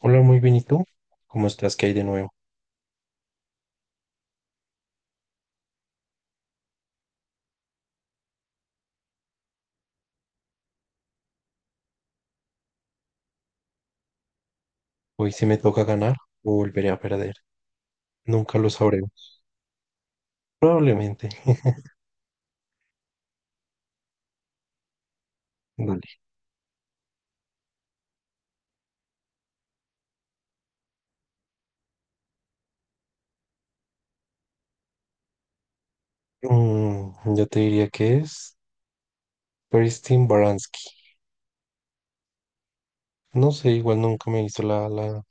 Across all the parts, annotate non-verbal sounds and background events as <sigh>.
Hola, muy bien, ¿y tú? ¿Cómo estás? ¿Qué hay de nuevo? Hoy sí me toca ganar o volveré a perder. Nunca lo sabremos. Probablemente. <laughs> Vale. Yo te diría que es Christine Baranski. No sé, igual nunca me hizo la.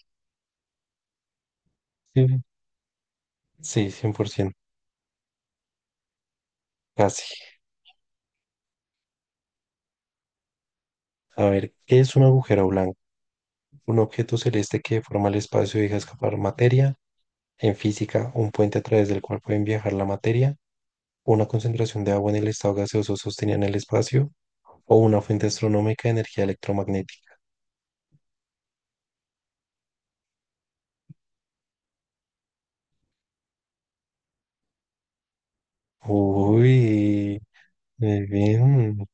Sí, sí, 100%. Casi. A ver, ¿qué es un agujero blanco? Un objeto celeste que forma el espacio y deja escapar materia. En física, un puente a través del cual pueden viajar la materia. Una concentración de agua en el estado gaseoso sostenida en el espacio o una fuente astronómica de energía electromagnética. Uy, muy bien.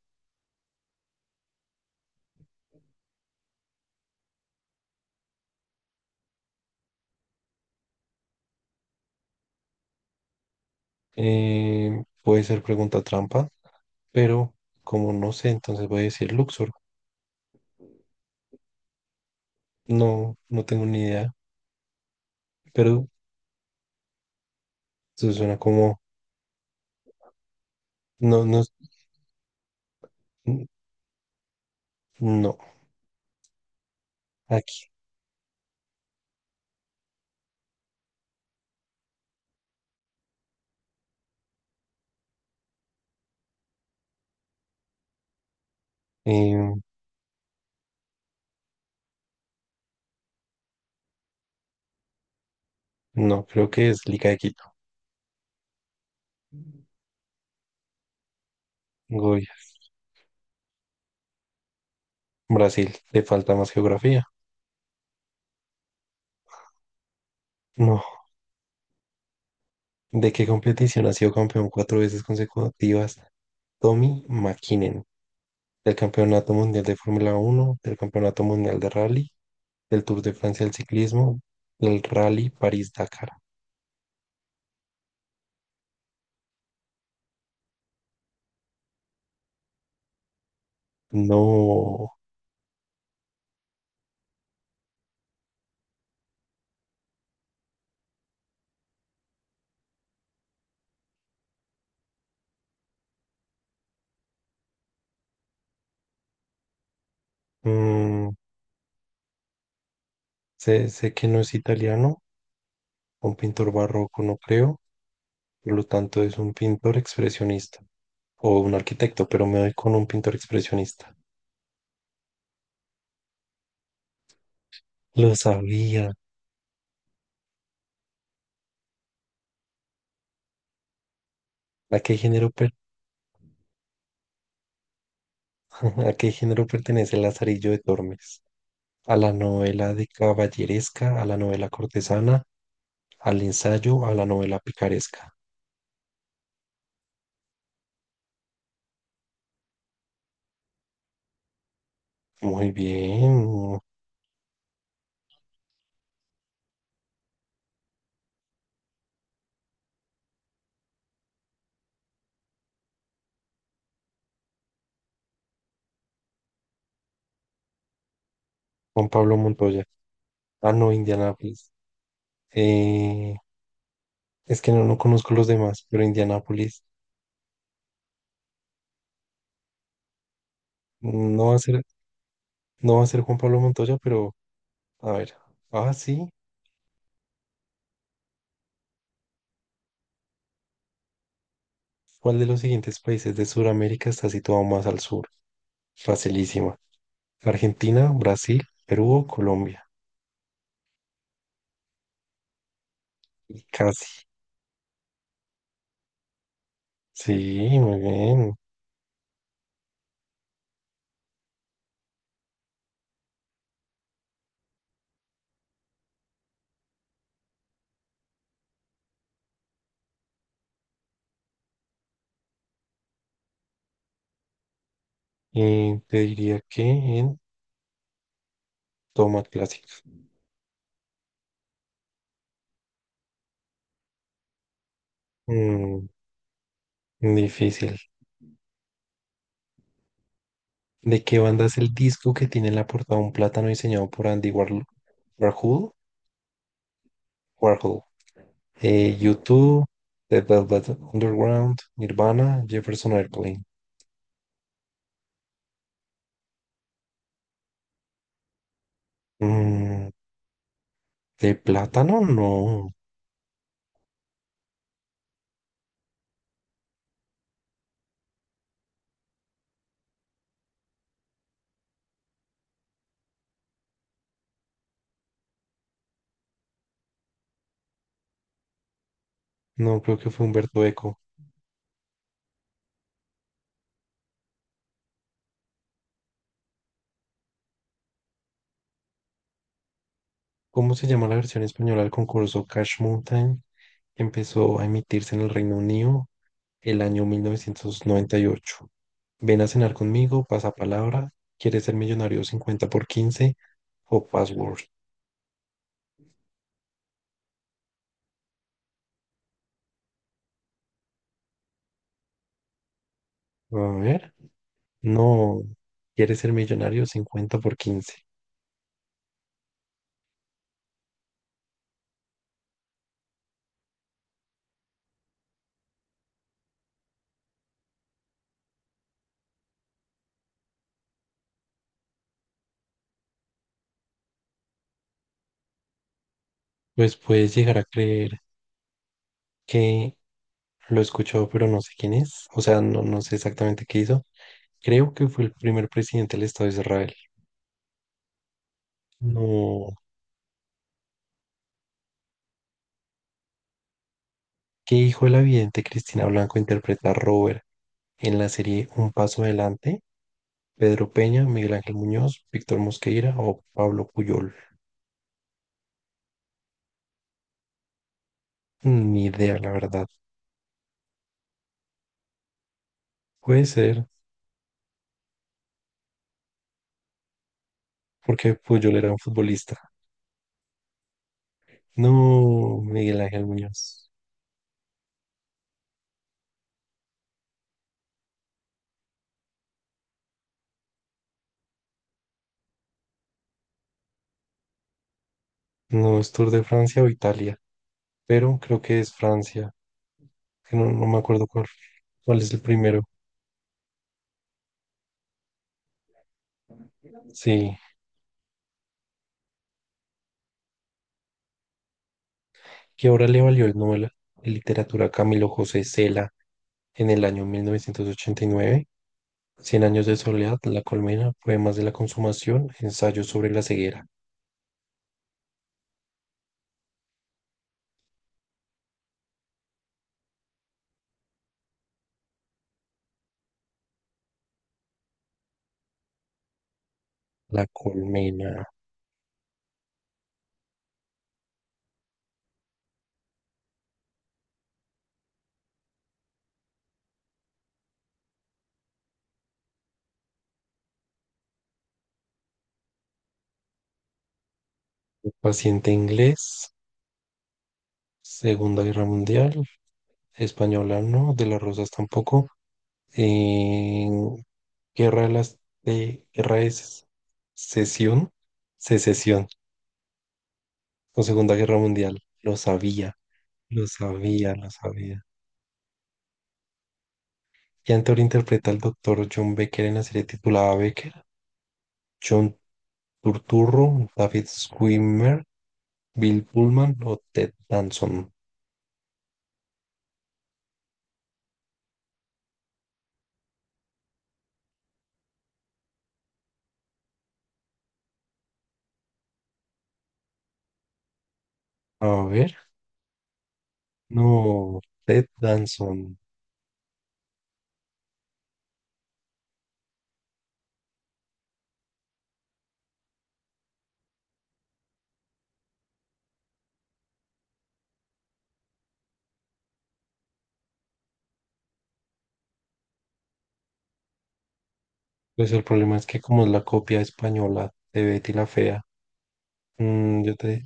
Puede ser pregunta trampa, pero como no sé, entonces voy a decir Luxor. No, no tengo ni idea, pero eso suena como... No, no, n- no, aquí. Em, no, creo que es Liga de Quito. Goya. Brasil, le falta más geografía. No, ¿de qué competición ha sido campeón cuatro veces consecutivas? Tommy Mäkinen, del Campeonato Mundial de Fórmula Uno, del Campeonato Mundial de Rally, del Tour de Francia del Ciclismo, del Rally París-Dakar. No, mm, sé que no es italiano, un pintor barroco no creo, por lo tanto es un pintor expresionista o un arquitecto, pero me doy con un pintor expresionista. Lo sabía. ¿A qué género, per- <laughs> ¿A qué género pertenece el Lazarillo de Tormes? ¿A la novela de caballeresca, a la novela cortesana, al ensayo, a la novela picaresca? Muy bien. Juan Pablo Montoya. Ah, no, Indianápolis. Eh, es que no conozco los demás, pero Indianápolis no va a ser, no va a ser Juan Pablo Montoya, pero a ver. Ah, sí. ¿Cuál de los siguientes países de Sudamérica está situado más al sur? Facilísima. Argentina, Brasil, Perú o Colombia. Y casi. Sí, muy bien. Y te diría que en toma clásica. Mm, difícil. ¿De qué banda es el disco que tiene en la portada un plátano diseñado por Andy Warhol? Warhol, Warhol. U2, The Velvet Underground, Nirvana, Jefferson Airplane. Mm, ¿De plátano? No, no creo que fue Humberto Eco. ¿Cómo se llama la versión española del concurso Cash Mountain, que empezó a emitirse en el Reino Unido el año 1998? Ven a cenar conmigo, pasa palabra, ¿quieres ser millonario?, 50x15 o Password? A ver. No, ¿quieres ser millonario? Cincuenta por 15. Pues puedes llegar a creer que lo escuchó, pero no sé quién es. O sea, no, no sé exactamente qué hizo. Creo que fue el primer presidente del Estado de Israel. No, ¿qué hijo de la vidente Cristina Blanco interpreta a Robert en la serie Un Paso Adelante? Pedro Peña, Miguel Ángel Muñoz, Víctor Mosqueira o Pablo Puyol. Ni idea, la verdad. Puede ser, porque Puyol era un futbolista. No, Miguel Ángel Muñoz. No es Tour de Francia o Italia, pero creo que es Francia. Que No, no me acuerdo cuál, cuál es el primero. Sí, ¿que ahora le valió el Nobel de Literatura a Camilo José Cela en el año 1989? Cien años de soledad, La colmena, poemas de la consumación, ensayo sobre la ceguera. La colmena, paciente inglés, Segunda Guerra Mundial, española no, de las rosas tampoco, eh, Guerra de Sesión, Secesión o Segunda Guerra Mundial. Lo sabía, lo sabía, lo sabía. ¿Qué actor interpreta al doctor John Becker en la serie titulada Becker? John Turturro, David Schwimmer, Bill Pullman o Ted Danson. A ver, no, Ted Danson. Pues el problema es que como es la copia española de Betty la Fea, mm, yo te,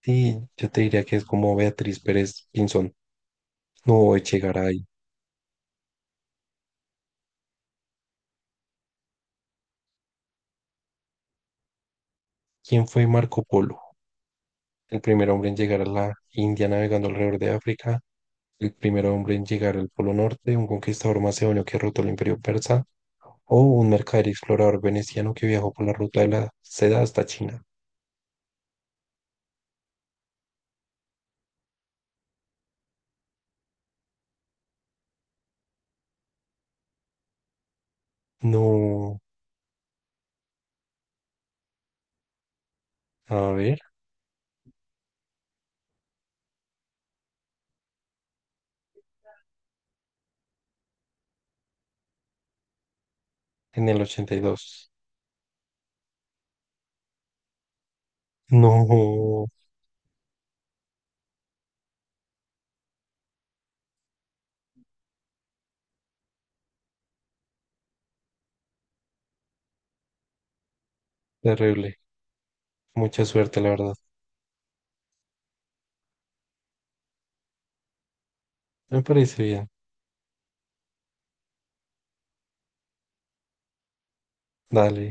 sí, yo te diría que es como Beatriz Pérez Pinzón. No, Echegaray. ¿Quién fue Marco Polo? El primer hombre en llegar a la India navegando alrededor de África, el primer hombre en llegar al Polo Norte, un conquistador macedonio que derrotó el Imperio Persa, o un mercader y explorador veneciano que viajó por la ruta de la seda hasta China. No, a ver, en el 82. No, terrible. Mucha suerte, la verdad. Me parece bien. Dale.